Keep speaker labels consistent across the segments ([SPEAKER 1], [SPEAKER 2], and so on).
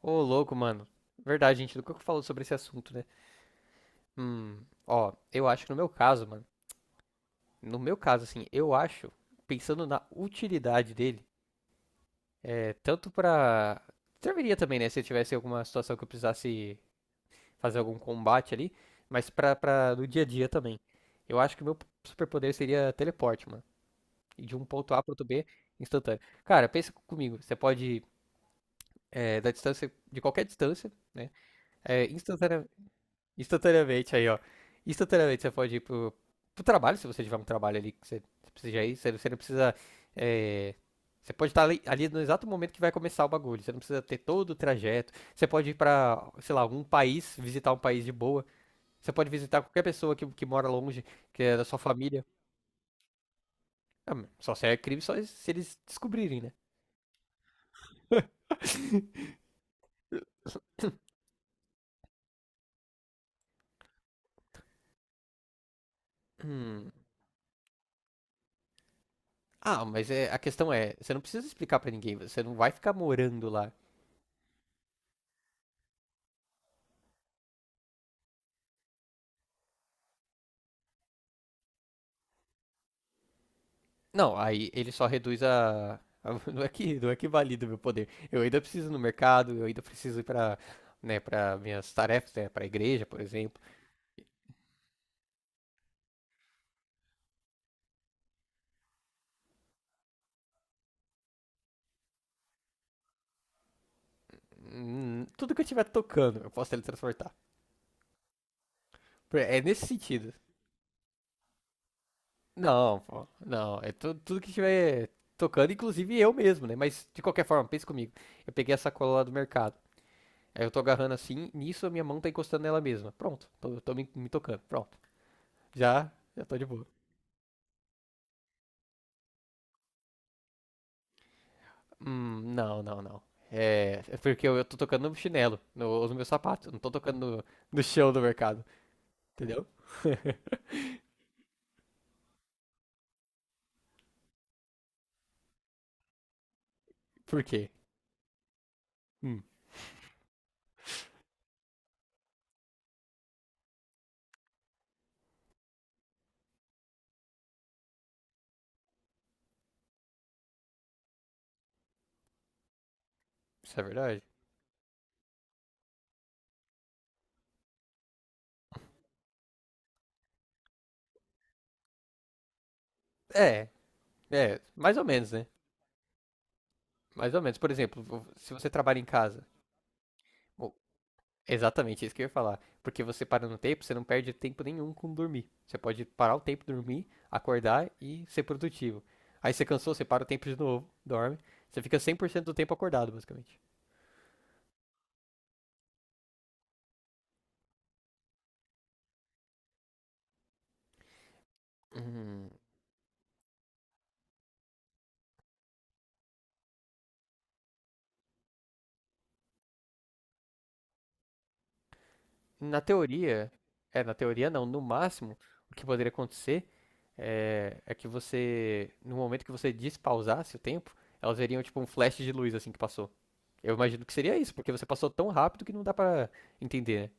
[SPEAKER 1] Ô, louco, mano. Verdade, gente. Do que eu falo sobre esse assunto, né? Hum, Ó, eu acho que no meu caso, mano. No meu caso, assim, eu acho, pensando na utilidade dele, tanto pra. Serviria também, né? Se eu tivesse alguma situação que eu precisasse fazer algum combate ali, mas pra no dia a dia também. Eu acho que o meu superpoder seria teleporte, mano. E de um ponto A pro outro B instantâneo. Cara, pensa comigo. Você pode, da distância, de qualquer distância, né? É, instantânea- Instantaneamente aí, ó. Instantaneamente você pode ir pro trabalho, se você tiver um trabalho ali que você precisa ir, você não precisa. é, Você pode estar ali no exato momento que vai começar o bagulho. Você não precisa ter todo o trajeto. Você pode ir pra, sei lá, algum país, visitar um país de boa. Você pode visitar qualquer pessoa que mora longe, que é da sua família. Ah, só se é crime só se eles descobrirem, né? Hum. Ah, mas é, a questão é, você não precisa explicar pra ninguém, você não vai ficar morando lá. Não, aí ele só reduz a. a- Não é não é que valida o meu poder. Eu ainda preciso ir no mercado, eu ainda preciso ir para, né, para minhas tarefas, né, para a igreja, por exemplo. Tudo que eu estiver tocando, eu posso teletransportar. Por- É nesse sentido. Não, pô, não, é tu- tudo que estiver tocando, inclusive eu mesmo, né? Mas de qualquer forma, pensa comigo. Eu peguei essa cola lá do mercado. Aí eu tô agarrando assim, nisso a minha mão tá encostando nela mesma. Pronto, tô me tocando, pronto. Já, já tô de boa. Não, não, não. É, é porque eu tô tocando no chinelo, no meu sapato. Não tô tocando no chão do mercado, entendeu? Por quê? Hum, isso é verdade? É, é, mais ou menos, né? Mais ou menos. Por exemplo, vo- se você trabalha em casa, bom, exatamente isso que eu ia falar. Porque você para no tempo, você não perde tempo nenhum com dormir. Você pode parar o tempo, dormir, acordar e ser produtivo. Aí você cansou, você para o tempo de novo, dorme. Você fica 100% do tempo acordado, basicamente. Hum. Na teoria, é, na teoria não, no máximo, o que poderia acontecer é que no momento que você despausasse o tempo, elas veriam tipo um flash de luz assim que passou. Eu imagino que seria isso, porque você passou tão rápido que não dá pra entender, né?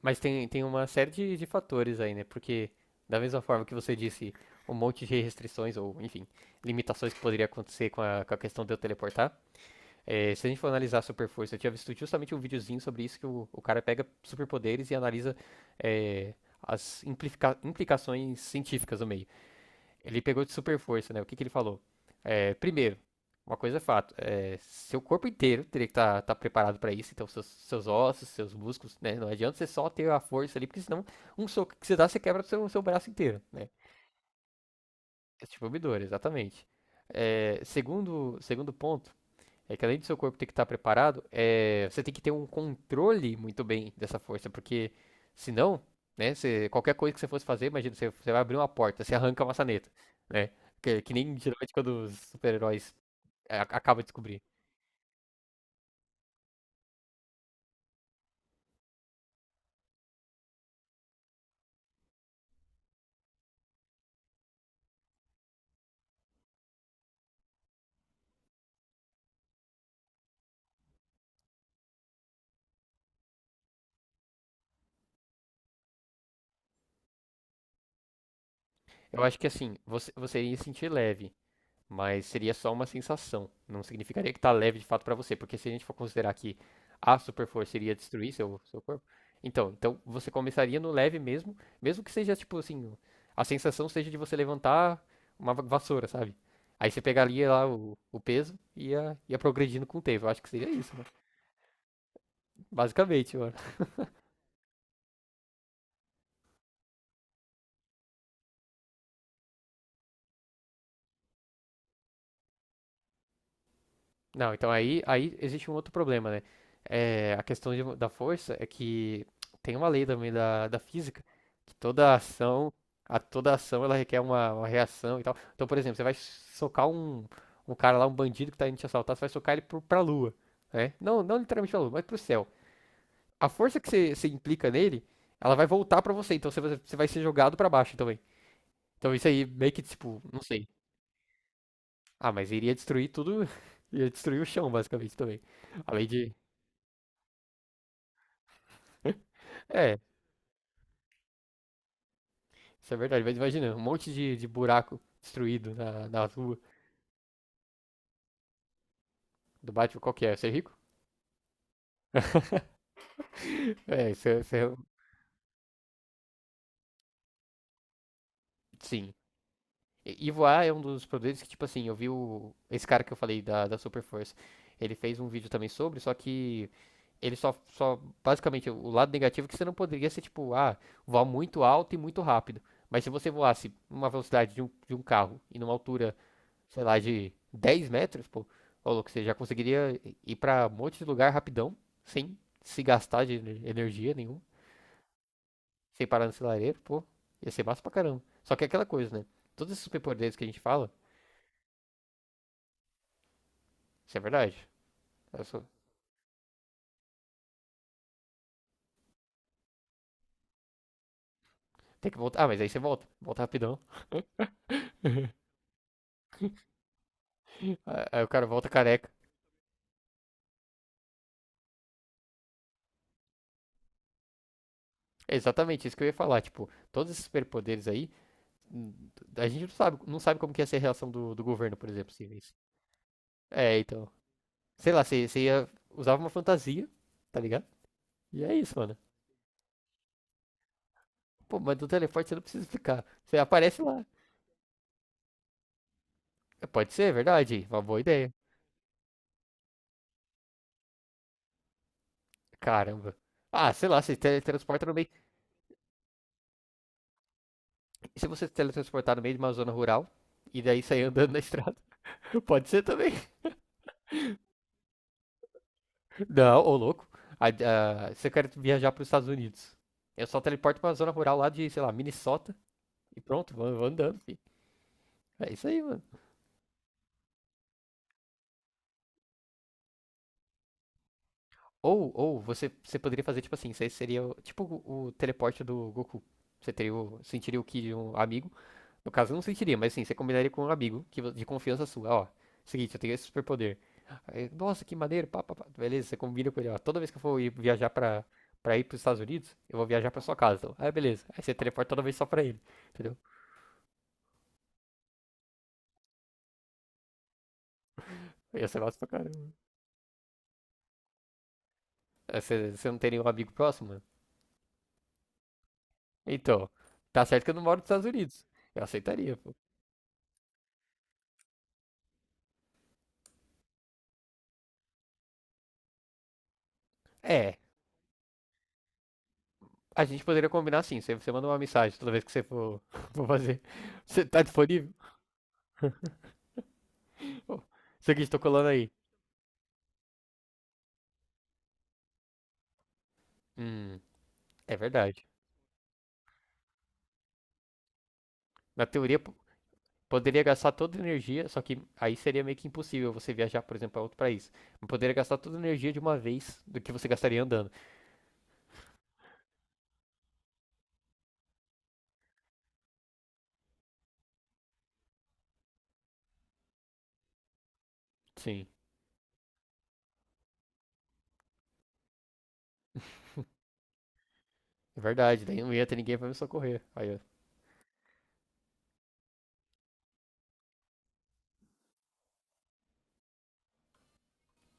[SPEAKER 1] Mas tem uma série de fatores aí, né? Porque, da mesma forma que você disse um monte de restrições, ou enfim, limitações que poderia acontecer com com a questão de eu teleportar. É, se a gente for analisar Super Força, eu tinha visto justamente um videozinho sobre isso, que o cara pega superpoderes e analisa é, as implica- implicações científicas no meio. Ele pegou de Super Força, né? O que que ele falou? É, primeiro, uma coisa é fato, é, seu corpo inteiro teria que estar preparado para isso, então seus ossos, seus músculos, né? Não adianta você só ter a força ali, porque senão um soco que você dá, você quebra o seu braço inteiro, né? É tipo o Midori, exatamente. É, segundo ponto, é que além do seu corpo ter que estar preparado, é, você tem que ter um controle muito bem dessa força, porque senão, né, você, qualquer coisa que você fosse fazer, imagina, você vai abrir uma porta, você arranca a maçaneta, né? Que nem geralmente quando os super-heróis é, acabam de descobrir. Eu acho que assim, você iria se sentir leve. Mas seria só uma sensação. Não significaria que tá leve de fato para você, porque se a gente for considerar que a super força iria destruir seu corpo, então você começaria no leve mesmo, mesmo que seja tipo assim, a sensação seja de você levantar uma va- vassoura, sabe? Aí você pegaria lá o peso e ia progredindo com o tempo. Eu acho que seria isso, mano. Basicamente, mano. Não, então aí existe um outro problema, né? É, a questão de- da força é que tem uma lei também da física que toda ação, a toda ação ela requer uma reação e tal. Então, por exemplo, você vai socar um cara lá, um bandido que tá indo te assaltar, você vai socar ele pra lua, né? Não, não literalmente pra lua, mas pro céu. A força que você implica nele, ela vai voltar pra você, então você vai ser jogado pra baixo também. Então isso aí meio que tipo, não sei. Ah, mas iria destruir tudo, ia destruir o chão basicamente também. Além de é, isso é verdade. Mas imagina, um monte de buraco destruído na rua do Batman. Qual que é? Ser rico? É, isso é, isso é- Sim. E voar é um dos poderes que, tipo assim, eu vi o... Esse cara que eu falei da Super Force. Ele fez um vídeo também sobre, só que ele só, só. Basicamente, o lado negativo é que você não poderia ser, tipo, ah, voar muito alto e muito rápido. Mas se você voasse uma velocidade de um carro e numa altura sei lá, de 10 metros, pô, ô louco, você já conseguiria ir pra um monte de lugar rapidão, sem se gastar de ener- energia nenhuma, sem parar no lareiro, pô, ia ser massa pra caramba. Só que é aquela coisa, né? Todos esses superpoderes que a gente fala, isso é verdade. É só- Tem que voltar. Ah, mas aí você volta. Volta rapidão. Ah, aí o cara volta careca. É exatamente isso que eu ia falar. Tipo, todos esses superpoderes aí, hum, a gente não sabe, não sabe como que ia ser a reação do, do governo, por exemplo, se isso. É, então. Sei lá, você ia. Usava uma fantasia, tá ligado? E é isso, mano. Pô, mas do teleporte você não precisa explicar. Você aparece lá. Pode ser, é verdade. Uma boa ideia. Caramba. Ah, sei lá, você teletransporta no meio. Se você se teletransportar no meio de uma zona rural e daí sair andando na estrada, pode ser também. Não, ô louco. Ah, se eu quero viajar para os Estados Unidos, eu só teleporto para uma zona rural lá de, sei lá, Minnesota e pronto, vou andando, fi. É isso aí, mano. Ou você poderia fazer tipo assim, você seria o- tipo o teleporte do Goku. Você teria o, sentiria o ki de um amigo. No caso, eu não sentiria, mas sim, você combinaria com um amigo que, de confiança sua. Ó, seguinte, eu tenho esse superpoder. Aí, nossa, que maneiro, pá, pá, pá. Beleza, você combina com ele, ó. Toda vez que eu for ir viajar pra, pra ir pros Estados Unidos, eu vou viajar pra sua casa. Então. Aí, beleza. Aí você teleporta toda vez só pra ele, entendeu? Ia ser massa pra caramba. Aí você, você não tem nenhum amigo próximo, mano? Então, tá certo que eu não moro nos Estados Unidos. Eu aceitaria, pô. É, a gente poderia combinar assim. Você manda uma mensagem toda vez que você for, for fazer. Você tá disponível? Ô, seguinte, tô colando aí. Hum, é verdade. Na teoria, poderia gastar toda a energia, só que aí seria meio que impossível você viajar, por exemplo, para outro país. Mas poderia gastar toda a energia de uma vez do que você gastaria andando. Sim, é verdade. Daí não ia ter ninguém para me socorrer. Aí, ó,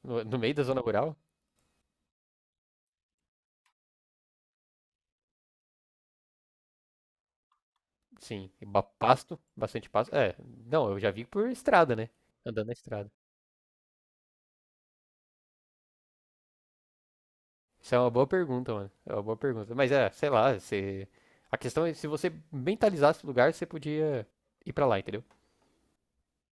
[SPEAKER 1] no meio da zona rural, sim, e ba- pasto, bastante pasto. É, não, eu já vi por estrada, né? Andando na estrada. Isso é uma boa pergunta, mano. É uma boa pergunta. Mas é, sei lá, se... a questão é se você mentalizasse o lugar, você podia ir para lá, entendeu?